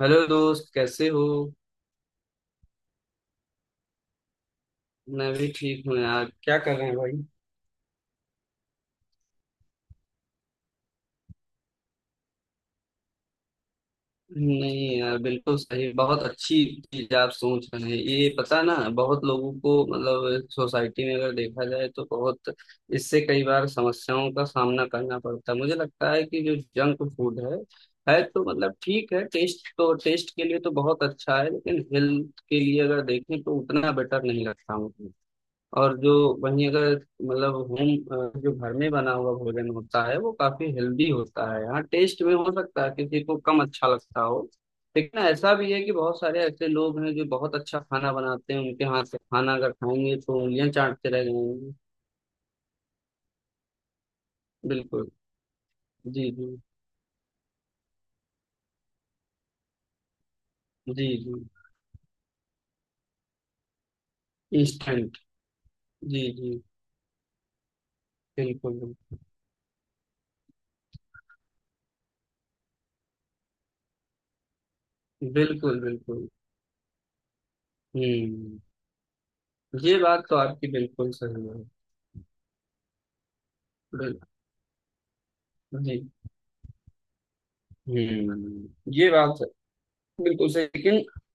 Hello दोस्त, कैसे हो? मैं भी ठीक हूँ यार। क्या कर रहे हैं भाई? नहीं यार, बिल्कुल सही। बहुत अच्छी चीज आप सोच रहे हैं, ये पता ना। बहुत लोगों को मतलब सोसाइटी में अगर देखा जाए तो बहुत इससे कई बार समस्याओं का सामना करना पड़ता है। मुझे लगता है कि जो जंक फूड है तो मतलब ठीक है, टेस्ट तो टेस्ट के लिए तो बहुत अच्छा है, लेकिन हेल्थ के लिए अगर देखें तो उतना बेटर नहीं लगता मुझे। और जो वहीं अगर, मतलब होम, जो घर में बना हुआ भोजन होता है वो काफी हेल्दी होता है। हाँ, टेस्ट में हो सकता है किसी को कम अच्छा लगता हो, लेकिन ऐसा भी है कि बहुत सारे ऐसे लोग हैं जो बहुत अच्छा खाना बनाते हैं, उनके हाथ से खाना अगर खाएंगे तो उंगलियां चाटते रह जाएंगे। बिल्कुल। जी जी। जी जी। इंस्टेंट। जी जी। बिल्कुल बिल्कुल। बिल्कुल बिल्कुल। हम्म। ये बात तो आपकी बिल्कुल सही है। बिल्कुल। जी। हम्म। ये बात बिल्कुल सही, लेकिन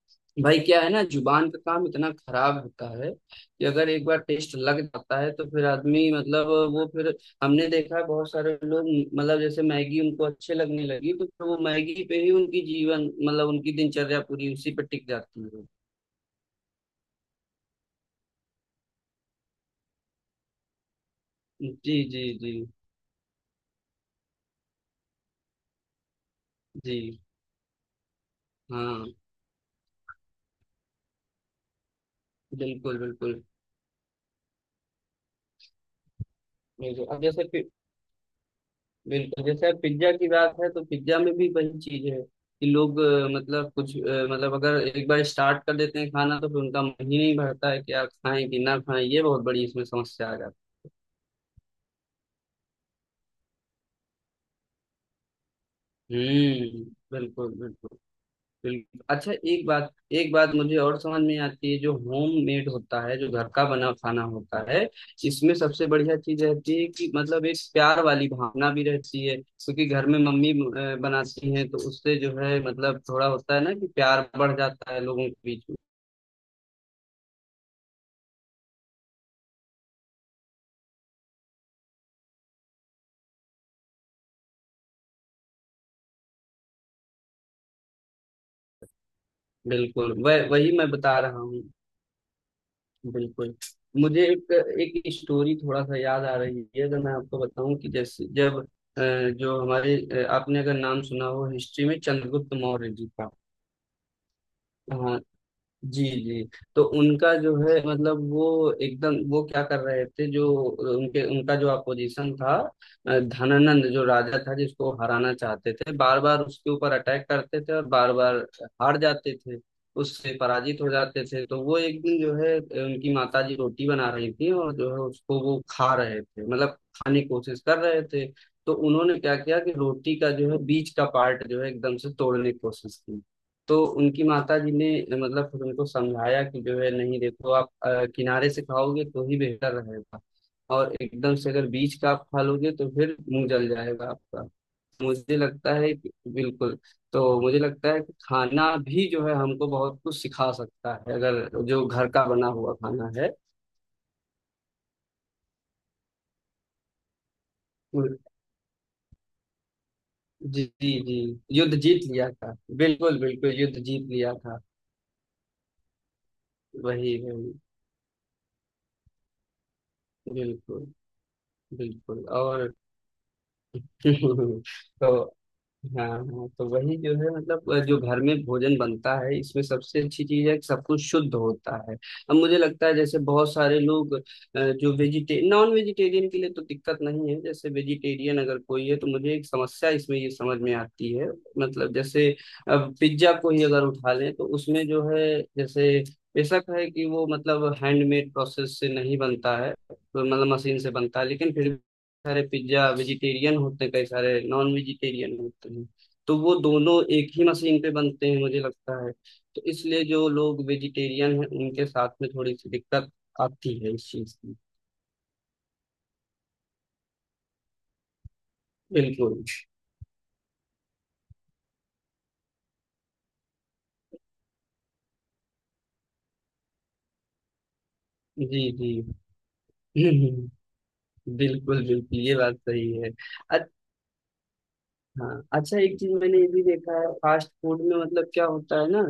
भाई क्या है ना, जुबान का काम इतना खराब होता है कि अगर एक बार टेस्ट लग जाता है तो फिर आदमी मतलब वो फिर, हमने देखा है बहुत सारे लोग, मतलब जैसे मैगी उनको अच्छे लगने लगी तो फिर वो मैगी पे ही उनकी जीवन, मतलब उनकी दिनचर्या पूरी उसी पे टिक जाती है। जी जी जी। जी। हाँ। बिल्कुल बिल्कुल। बिल्कुल अब जैसे, बिल्कुल जैसे अब पिज्जा की बात है तो पिज्जा में भी वही चीज है कि लोग मतलब कुछ मतलब अगर एक बार स्टार्ट कर देते हैं खाना तो फिर उनका मन ही नहीं भरता है कि आप खाएं कि ना खाएं, ये बहुत बड़ी इसमें समस्या आ जाती है। हम्म। बिल्कुल बिल्कुल। बिल्कुल। अच्छा, एक बात मुझे और समझ में आती है, जो होम मेड होता है, जो घर का बना खाना होता है, इसमें सबसे बढ़िया चीज रहती है कि मतलब एक प्यार वाली भावना भी रहती है, क्योंकि घर में मम्मी बनाती हैं तो उससे जो है मतलब थोड़ा होता है ना कि प्यार बढ़ जाता है लोगों के बीच में। बिल्कुल, वह वही मैं बता रहा हूँ। बिल्कुल, मुझे एक एक स्टोरी थोड़ा सा याद आ रही है, अगर मैं आपको बताऊं कि जैसे जब अ, जो हमारे आपने अगर नाम सुना हो हिस्ट्री में चंद्रगुप्त मौर्य जी का। हाँ। जी जी। तो उनका जो है मतलब वो एकदम वो क्या कर रहे थे, जो उनके उनका जो अपोजिशन था, धनानंद जो राजा था जिसको हराना चाहते थे, बार बार उसके ऊपर अटैक करते थे और बार बार हार जाते थे, उससे पराजित हो जाते थे। तो वो एक दिन जो है उनकी माता जी रोटी बना रही थी और जो है उसको वो खा रहे थे, मतलब खाने की कोशिश कर रहे थे। तो उन्होंने क्या किया कि रोटी का जो है बीच का पार्ट जो है एकदम से तोड़ने की कोशिश की। तो उनकी माता जी ने मतलब फिर उनको समझाया कि जो है नहीं, देखो आप किनारे से खाओगे तो ही बेहतर रहेगा, और एकदम से अगर बीज का आप खा लोगे तो फिर मुंह जल जाएगा आपका। मुझे लगता है कि बिल्कुल। तो मुझे लगता है कि खाना भी जो है हमको बहुत कुछ सिखा सकता है, अगर जो घर का बना हुआ खाना है। जी जी जी। युद्ध जीत लिया था। बिल्कुल बिल्कुल, युद्ध जीत लिया था। वही वही। बिल्कुल बिल्कुल। और तो हाँ हाँ, तो वही जो है मतलब जो घर में भोजन बनता है, इसमें सबसे अच्छी चीज है कि सब कुछ शुद्ध होता है। अब मुझे लगता है जैसे बहुत सारे लोग जो वेजिटे नॉन वेजिटेरियन के लिए तो दिक्कत नहीं है, जैसे वेजिटेरियन अगर कोई है तो मुझे एक समस्या इसमें ये समझ में आती है। मतलब जैसे अब पिज्जा को ही अगर उठा लें तो उसमें जो है, जैसे, बेशक है कि वो मतलब हैंडमेड प्रोसेस से नहीं बनता है, तो मतलब मशीन से बनता है, लेकिन फिर सारे पिज्जा वेजिटेरियन होते हैं, कई सारे नॉन वेजिटेरियन होते हैं। तो वो दोनों एक ही मशीन पे बनते हैं, मुझे लगता है। तो इसलिए जो लोग वेजिटेरियन हैं उनके साथ में थोड़ी सी दिक्कत आती है इस चीज की। बिल्कुल। जी जी। बिल्कुल बिल्कुल, ये बात सही है। अच्छा। हाँ, अच्छा, एक चीज मैंने ये भी देखा है फास्ट फूड में, मतलब क्या होता है ना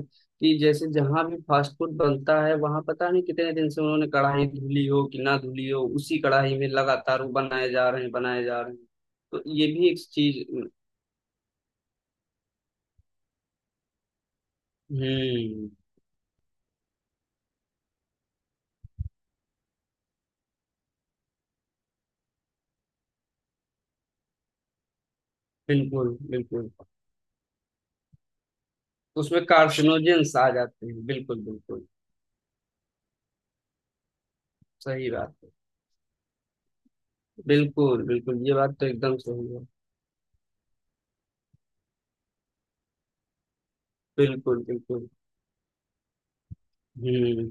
कि जैसे जहां भी फास्ट फूड बनता है वहां पता नहीं कितने दिन से उन्होंने कढ़ाई धुली हो कि ना धुली हो, उसी कढ़ाई में लगातार वो बनाए जा रहे हैं बनाए जा रहे हैं। तो ये भी एक चीज। हम्म। बिल्कुल बिल्कुल, उसमें कार्सिनोजेंस आ जाते हैं। बिल्कुल बिल्कुल। सही बात है। बिल्कुल बिल्कुल, ये बात तो एकदम सही है। बिल्कुल बिल्कुल। हम्म।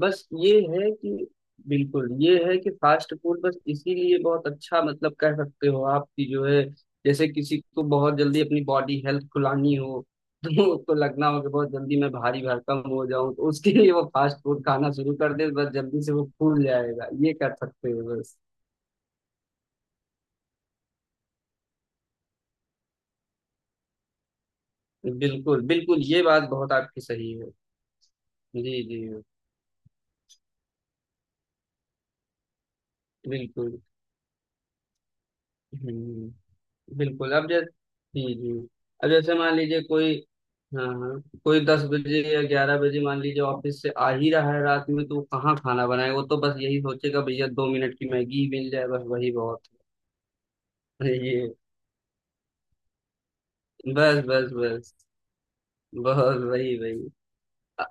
बस ये है कि बिल्कुल, ये है कि फास्ट फूड बस इसीलिए बहुत अच्छा, मतलब कह सकते हो, आपकी जो है, जैसे किसी को बहुत जल्दी अपनी बॉडी हेल्थ खुलानी हो, तो उसको लगना हो कि बहुत जल्दी मैं भारी भरकम हो जाऊं तो उसके लिए वो फास्ट फूड खाना शुरू कर दे, बस जल्दी से वो फूल जाएगा, ये कर सकते हो बस। बिल्कुल बिल्कुल, ये बात बहुत आपकी सही है। जी जी। बिल्कुल। हम्म। बिल्कुल, अब जैसे, जी जी, अब जैसे मान लीजिए कोई, हाँ हाँ। कोई 10 बजे या 11 बजे मान लीजिए ऑफिस से आ ही रहा है रात में, तो वो कहाँ खाना बनाए? वो तो बस यही सोचेगा भैया 2 मिनट की मैगी ही मिल जाए, बस वही बहुत है। ये बस बस बस। बहुत वही वही। अ,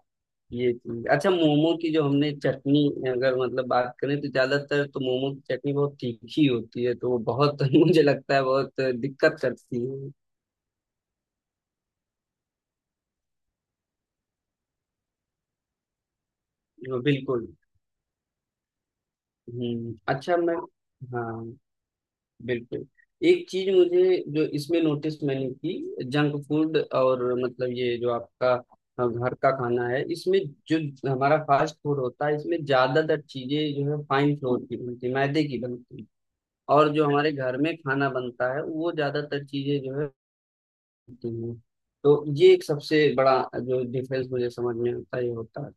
ये चीज, अच्छा, मोमो की जो हमने चटनी अगर मतलब बात करें तो ज्यादातर तो मोमो की चटनी बहुत तीखी होती है, तो वो बहुत मुझे लगता है बहुत दिक्कत करती है। वो, बिल्कुल। अच्छा, मैं, हाँ, बिल्कुल, एक चीज मुझे, जो इसमें नोटिस मैंने की, जंक फूड और मतलब ये जो आपका घर का खाना है, इसमें जो हमारा फास्ट फूड होता है, इसमें ज्यादातर चीजें जो है फाइन फ्लोर की बनती है, मैदे की बनती है, और जो हमारे घर में खाना बनता है वो ज्यादातर चीजें जो है होती हैं। तो ये एक सबसे बड़ा जो डिफरेंस मुझे समझ में आता है, ये होता है।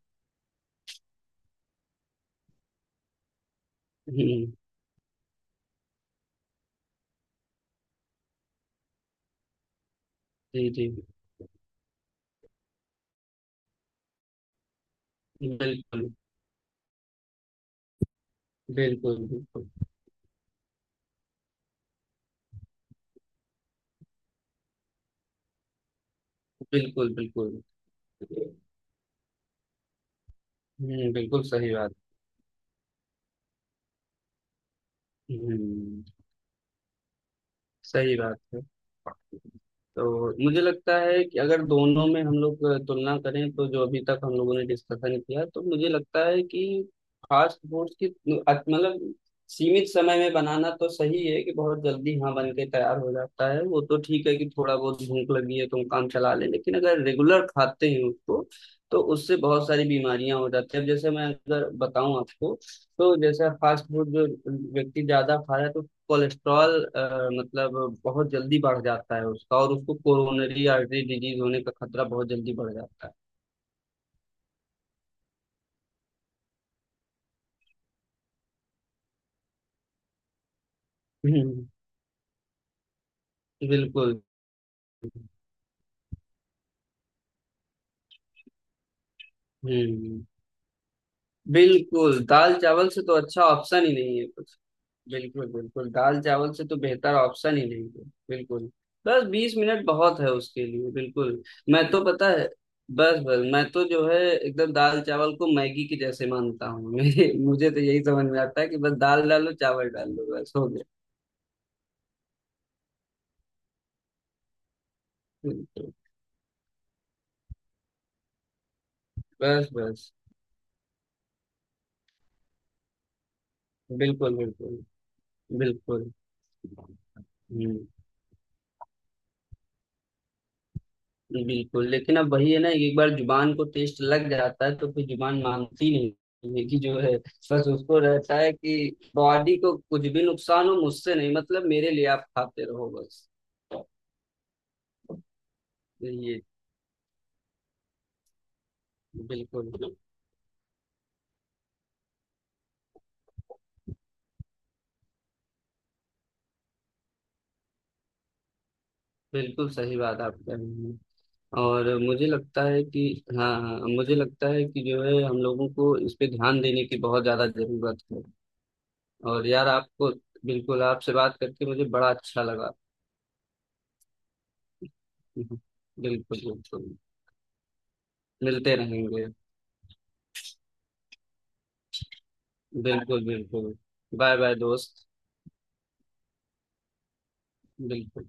हम्म। जी जी। बिल्कुल बिल्कुल। बिल्कुल बिल्कुल। बिल्कुल। हम्म। बिल्कुल सही बात। हम्म। सही बात है। तो मुझे लगता है कि अगर दोनों में हम लोग तुलना करें, तो जो अभी तक हम लोगों ने डिस्कशन किया, तो मुझे लगता है कि फास्ट फूड की मतलब सीमित समय में बनाना तो सही है कि बहुत जल्दी, हाँ, बन के तैयार हो जाता है, वो तो ठीक है कि थोड़ा बहुत भूख लगी है तो हम काम चला लें, लेकिन अगर रेगुलर खाते हैं उसको, तो उससे बहुत सारी बीमारियां हो जाती है। अब जैसे मैं अगर बताऊं आपको, तो जैसे फास्ट फूड जो व्यक्ति ज्यादा खा रहा है, तो कोलेस्ट्रॉल मतलब बहुत जल्दी बढ़ जाता है उसका, और उसको कोरोनरी आर्टरी डिजीज होने का खतरा बहुत जल्दी बढ़ जाता है। हम्म। बिल्कुल। हम्म। बिल्कुल, दाल चावल से तो अच्छा ऑप्शन ही नहीं है कुछ। बिल्कुल बिल्कुल, दाल चावल से तो बेहतर ऑप्शन ही नहीं है। बिल्कुल। बस 20 मिनट बहुत है उसके लिए, बिल्कुल। मैं तो, पता है, बस बस मैं तो जो है एकदम दाल चावल को मैगी के जैसे मानता हूँ। मेरे मुझे तो यही समझ में आता है कि बस दाल डालो, चावल डालो, बस हो गया। बस बस। बिल्कुल बिल्कुल। बिल्कुल। हम्म। बिल्कुल। लेकिन अब वही है ना, एक बार जुबान को टेस्ट लग जाता है तो फिर जुबान मानती नहीं है, कि जो है बस उसको रहता है कि बॉडी को कुछ भी नुकसान हो मुझसे नहीं, मतलब मेरे लिए आप खाते रहो बस। ये बिल्कुल बिल्कुल, सही बात आप कह रहे हैं। और मुझे लगता है कि, हाँ हाँ, मुझे लगता है कि जो है हम लोगों को इस पे ध्यान देने की बहुत ज्यादा जरूरत है। और यार आपको, बिल्कुल, आपसे बात करके मुझे बड़ा अच्छा लगा। हम्म। बिल्कुल बिल्कुल। मिलते रहेंगे। बिल्कुल बिल्कुल। बाय बाय दोस्त। बिल्कुल।